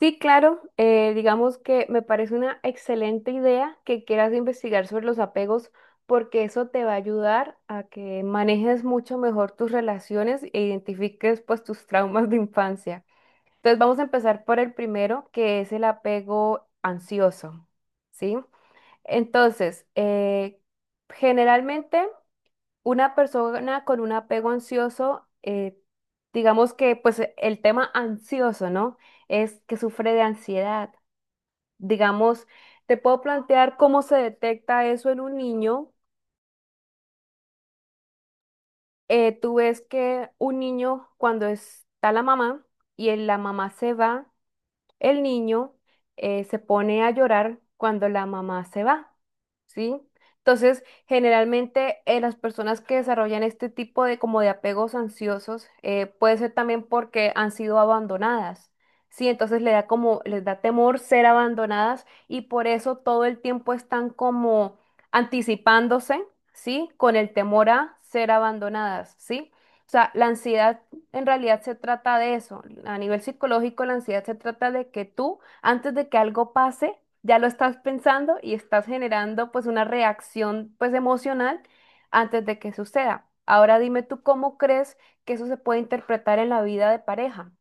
Sí, claro, digamos que me parece una excelente idea que quieras investigar sobre los apegos porque eso te va a ayudar a que manejes mucho mejor tus relaciones e identifiques pues tus traumas de infancia. Entonces vamos a empezar por el primero, que es el apego ansioso, ¿sí? Entonces, generalmente una persona con un apego ansioso, digamos que pues el tema ansioso, ¿no? Es que sufre de ansiedad. Digamos, te puedo plantear cómo se detecta eso en un niño. Tú ves que un niño cuando está la mamá y la mamá se va. El niño se pone a llorar cuando la mamá se va, ¿sí? Entonces, generalmente las personas que desarrollan este tipo de como de apegos ansiosos puede ser también porque han sido abandonadas, ¿sí? Entonces le da como, les da temor ser abandonadas y por eso todo el tiempo están como anticipándose, ¿sí? Con el temor a ser abandonadas, ¿sí? O sea, la ansiedad en realidad se trata de eso. A nivel psicológico, la ansiedad se trata de que tú, antes de que algo pase, ya lo estás pensando y estás generando pues una reacción pues emocional antes de que suceda. Ahora dime tú cómo crees que eso se puede interpretar en la vida de pareja.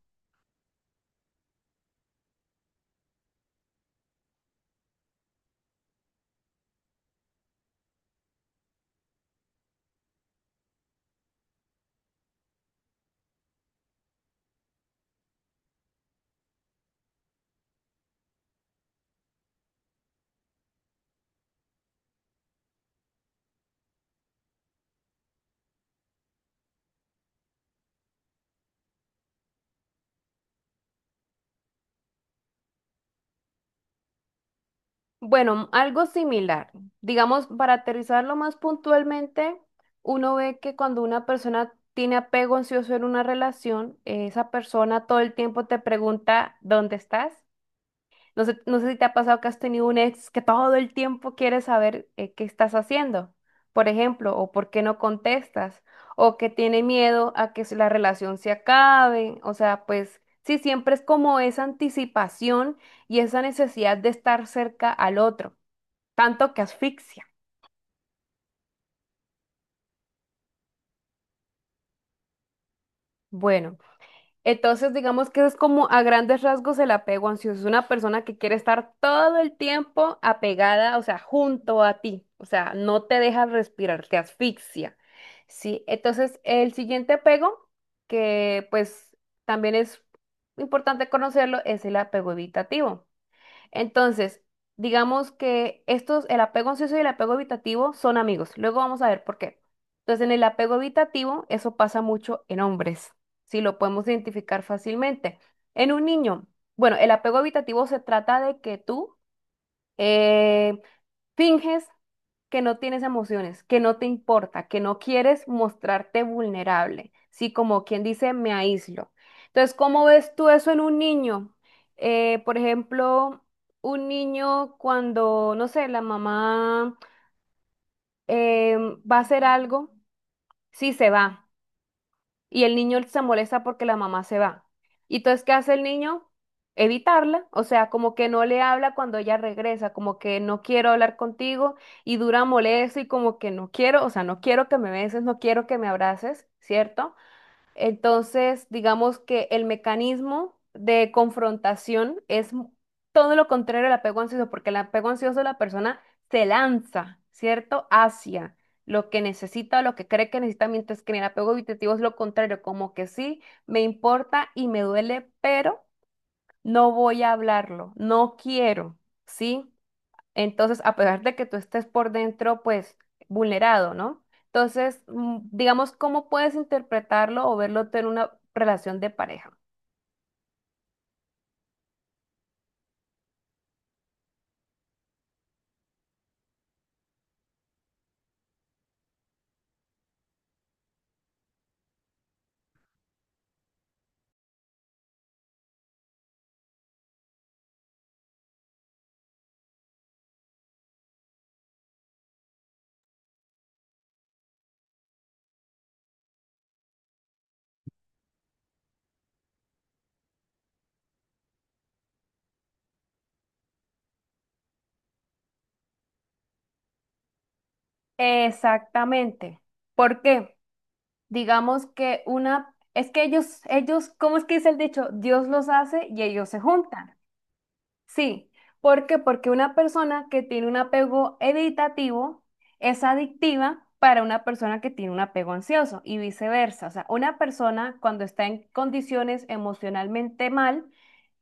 Bueno, algo similar. Digamos, para aterrizarlo más puntualmente, uno ve que cuando una persona tiene apego ansioso en una relación, esa persona todo el tiempo te pregunta, ¿dónde estás? No sé, no sé si te ha pasado que has tenido un ex que todo el tiempo quiere saber qué estás haciendo, por ejemplo, o por qué no contestas, o que tiene miedo a que la relación se acabe. O sea, pues sí, siempre es como esa anticipación y esa necesidad de estar cerca al otro, tanto que asfixia. Bueno. Entonces, digamos que es como a grandes rasgos el apego ansioso. Es una persona que quiere estar todo el tiempo apegada, o sea, junto a ti. O sea, no te deja respirar, te asfixia. Sí, entonces el siguiente apego, que pues también es importante conocerlo, es el apego evitativo. Entonces, digamos que estos, el apego ansioso y el apego evitativo son amigos. Luego vamos a ver por qué. Entonces, en el apego evitativo, eso pasa mucho en hombres, si lo podemos identificar fácilmente. En un niño, bueno, el apego evitativo se trata de que tú eh, finges que no tienes emociones, que no te importa, que no quieres mostrarte vulnerable, ¿sí? Como quien dice, me aíslo. Entonces, ¿cómo ves tú eso en un niño? Por ejemplo, un niño cuando, no sé, la mamá va a hacer algo, sí se va y el niño se molesta porque la mamá se va. Y entonces, ¿qué hace el niño? Evitarla, o sea, como que no le habla cuando ella regresa, como que no quiero hablar contigo y dura molesto y como que no quiero, o sea, no quiero que me beses, no quiero que me abraces, ¿cierto? Entonces, digamos que el mecanismo de confrontación es todo lo contrario al apego ansioso, porque el apego ansioso la persona se lanza, ¿cierto? Hacia lo que necesita o lo que cree que necesita, mientras que en el apego evitativo es lo contrario, como que sí, me importa y me duele, pero no voy a hablarlo, no quiero, ¿sí? Entonces, a pesar de que tú estés por dentro, pues, vulnerado, ¿no? Entonces, digamos, ¿cómo puedes interpretarlo o verlo tú en una relación de pareja? Exactamente. ¿Por qué? Digamos que una, es que ellos, ¿cómo es que dice el dicho? Dios los hace y ellos se juntan. Sí, ¿por qué? Porque una persona que tiene un apego evitativo es adictiva para una persona que tiene un apego ansioso y viceversa. O sea, una persona cuando está en condiciones emocionalmente mal,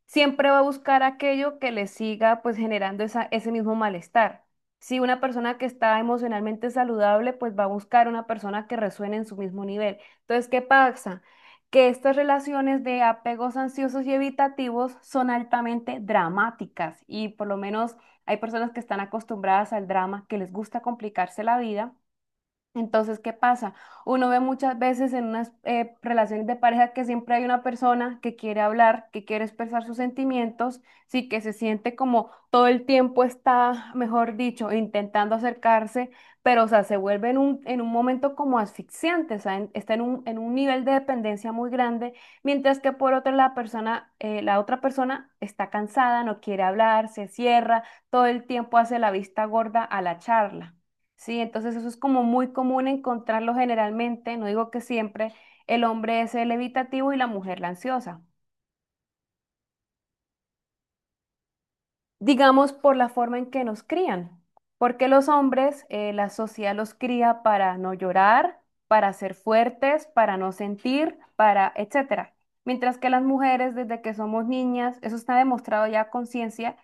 siempre va a buscar aquello que le siga pues generando esa, ese mismo malestar. Si una persona que está emocionalmente saludable, pues va a buscar una persona que resuene en su mismo nivel. Entonces, ¿qué pasa? Que estas relaciones de apegos ansiosos y evitativos son altamente dramáticas y por lo menos hay personas que están acostumbradas al drama, que les gusta complicarse la vida, entonces, ¿qué pasa? Uno ve muchas veces en unas relaciones de pareja que siempre hay una persona que quiere hablar, que quiere expresar sus sentimientos, sí, que se siente como todo el tiempo está, mejor dicho, intentando acercarse, pero o sea, se vuelve en un momento como asfixiante, o sea, está en un nivel de dependencia muy grande, mientras que por otra la persona, la otra persona está cansada, no quiere hablar, se cierra, todo el tiempo hace la vista gorda a la charla. Sí, entonces eso es como muy común encontrarlo generalmente, no digo que siempre, el hombre es el evitativo y la mujer la ansiosa. Digamos, por la forma en que nos crían. Porque los hombres, la sociedad los cría para no llorar, para ser fuertes, para no sentir, para etcétera. Mientras que las mujeres, desde que somos niñas, eso está demostrado ya a conciencia,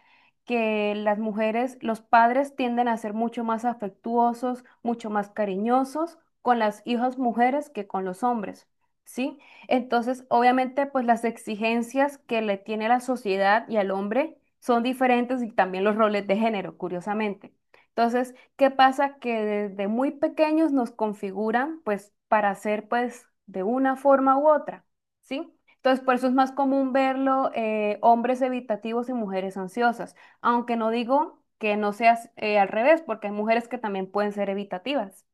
que las mujeres, los padres tienden a ser mucho más afectuosos, mucho más cariñosos con las hijas mujeres que con los hombres, ¿sí? Entonces, obviamente, pues las exigencias que le tiene la sociedad y al hombre son diferentes y también los roles de género, curiosamente. Entonces, ¿qué pasa? Que desde muy pequeños nos configuran pues para ser pues de una forma u otra, ¿sí? Entonces, por eso es más común verlo hombres evitativos y mujeres ansiosas, aunque no digo que no sea al revés, porque hay mujeres que también pueden ser evitativas.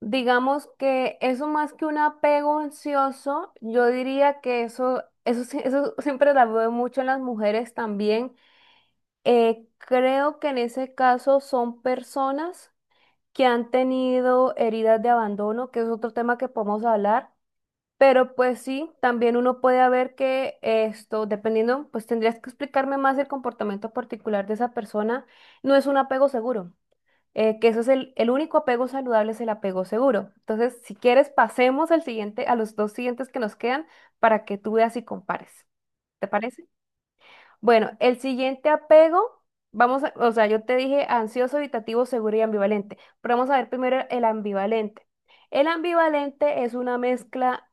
Digamos que eso más que un apego ansioso, yo diría que eso siempre la veo mucho en las mujeres también. Creo que en ese caso son personas que han tenido heridas de abandono, que es otro tema que podemos hablar. Pero pues sí, también uno puede ver que esto, dependiendo, pues tendrías que explicarme más el comportamiento particular de esa persona, no es un apego seguro, que eso es el único apego saludable es el apego seguro. Entonces, si quieres, pasemos al siguiente, a los dos siguientes que nos quedan para que tú veas y compares. ¿Te parece? Bueno, el siguiente apego, o sea, yo te dije ansioso, evitativo, seguro y ambivalente, pero vamos a ver primero el ambivalente. El ambivalente es una mezcla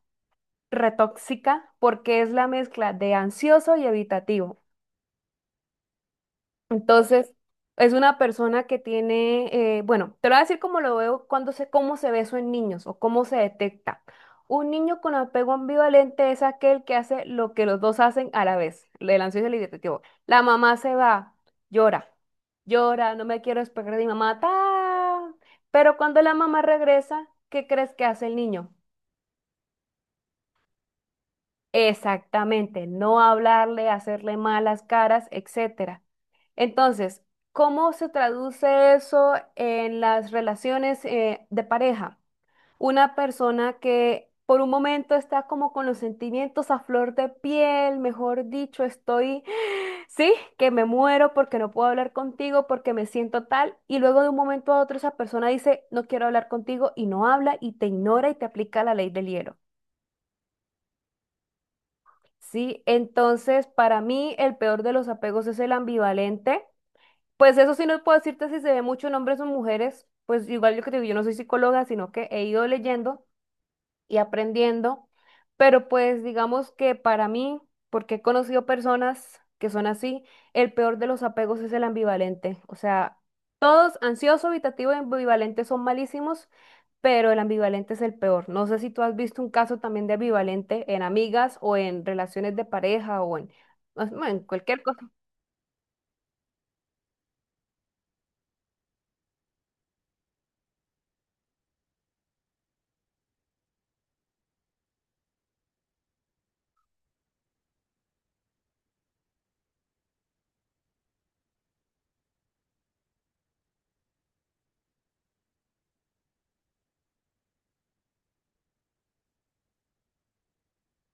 retóxica porque es la mezcla de ansioso y evitativo. Entonces, es una persona que tiene, bueno, te lo voy a decir cómo lo veo, cuando sé cómo se ve eso en niños o cómo se detecta. Un niño con apego ambivalente es aquel que hace lo que los dos hacen a la vez, el ansioso y el hiperactivo. La mamá se va, llora, llora, no me quiero despegar de mi mamá, ta. Pero cuando la mamá regresa, ¿qué crees que hace el niño? Exactamente, no hablarle, hacerle malas caras, etcétera. Entonces, ¿cómo se traduce eso en las relaciones de pareja? Una persona que por un momento está como con los sentimientos a flor de piel, mejor dicho, estoy, sí, que me muero porque no puedo hablar contigo, porque me siento tal, y luego de un momento a otro esa persona dice, no quiero hablar contigo y no habla y te ignora y te aplica la ley del hielo. Sí, entonces para mí el peor de los apegos es el ambivalente. Pues eso sí no puedo decirte si se ve mucho en hombres o mujeres, pues igual yo que te digo, yo no soy psicóloga, sino que he ido leyendo y aprendiendo, pero pues digamos que para mí, porque he conocido personas que son así, el peor de los apegos es el ambivalente. O sea, todos ansioso, evitativo y ambivalente son malísimos, pero el ambivalente es el peor. No sé si tú has visto un caso también de ambivalente en amigas o en relaciones de pareja o en, bueno, en cualquier cosa.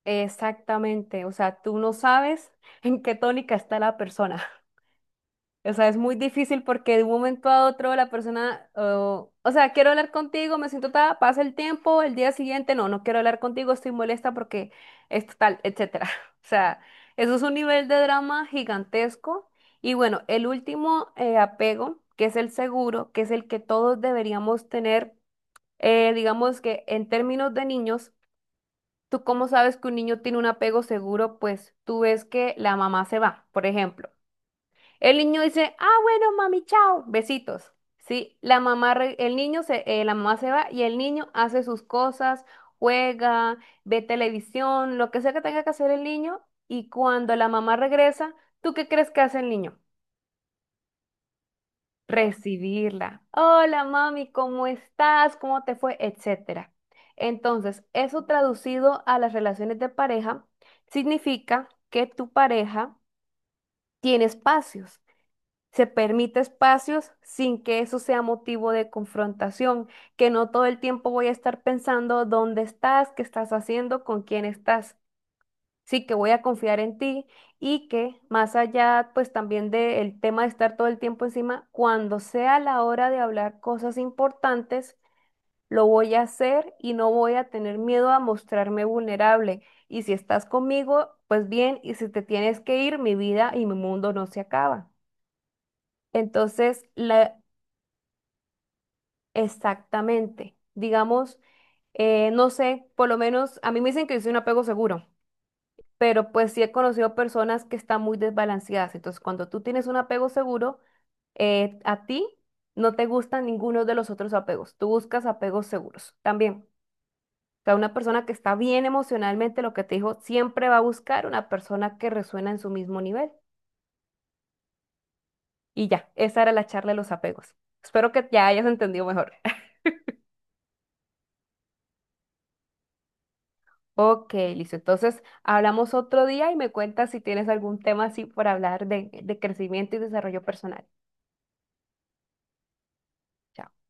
Exactamente, o sea, tú no sabes en qué tónica está la persona. O sea, es muy difícil porque de un momento a otro la persona, oh, o sea, quiero hablar contigo, me siento tal, pasa el tiempo, el día siguiente, no, no quiero hablar contigo, estoy molesta porque es tal, etcétera. O sea, eso es un nivel de drama gigantesco. Y bueno, el último apego, que es el seguro, que es el que todos deberíamos tener, digamos que en términos de niños, tú cómo sabes que un niño tiene un apego seguro, pues tú ves que la mamá se va, por ejemplo. El niño dice, ah, bueno, mami, chao, besitos. Sí, el niño se, la mamá se va y el niño hace sus cosas, juega, ve televisión, lo que sea que tenga que hacer el niño. Y cuando la mamá regresa, ¿tú qué crees que hace el niño? Recibirla. Hola, mami, ¿cómo estás? ¿Cómo te fue? Etcétera. Entonces, eso traducido a las relaciones de pareja significa que tu pareja tiene espacios. Se permite espacios sin que eso sea motivo de confrontación, que no todo el tiempo voy a estar pensando dónde estás, qué estás haciendo, con quién estás. Sí que voy a confiar en ti y que más allá pues también del tema de estar todo el tiempo encima, cuando sea la hora de hablar cosas importantes, lo voy a hacer y no voy a tener miedo a mostrarme vulnerable. Y si estás conmigo, pues bien, y si te tienes que ir, mi vida y mi mundo no se acaba. Entonces, la Exactamente. Digamos, no sé, por lo menos a mí me dicen que yo soy un apego seguro, pero pues sí he conocido personas que están muy desbalanceadas. Entonces, cuando tú tienes un apego seguro, a ti no te gustan ninguno de los otros apegos. Tú buscas apegos seguros también. O sea, una persona que está bien emocionalmente, lo que te dijo, siempre va a buscar una persona que resuena en su mismo nivel. Y ya, esa era la charla de los apegos. Espero que ya hayas entendido mejor. Ok, listo. Entonces, hablamos otro día y me cuentas si tienes algún tema así por hablar de crecimiento y desarrollo personal. Chao.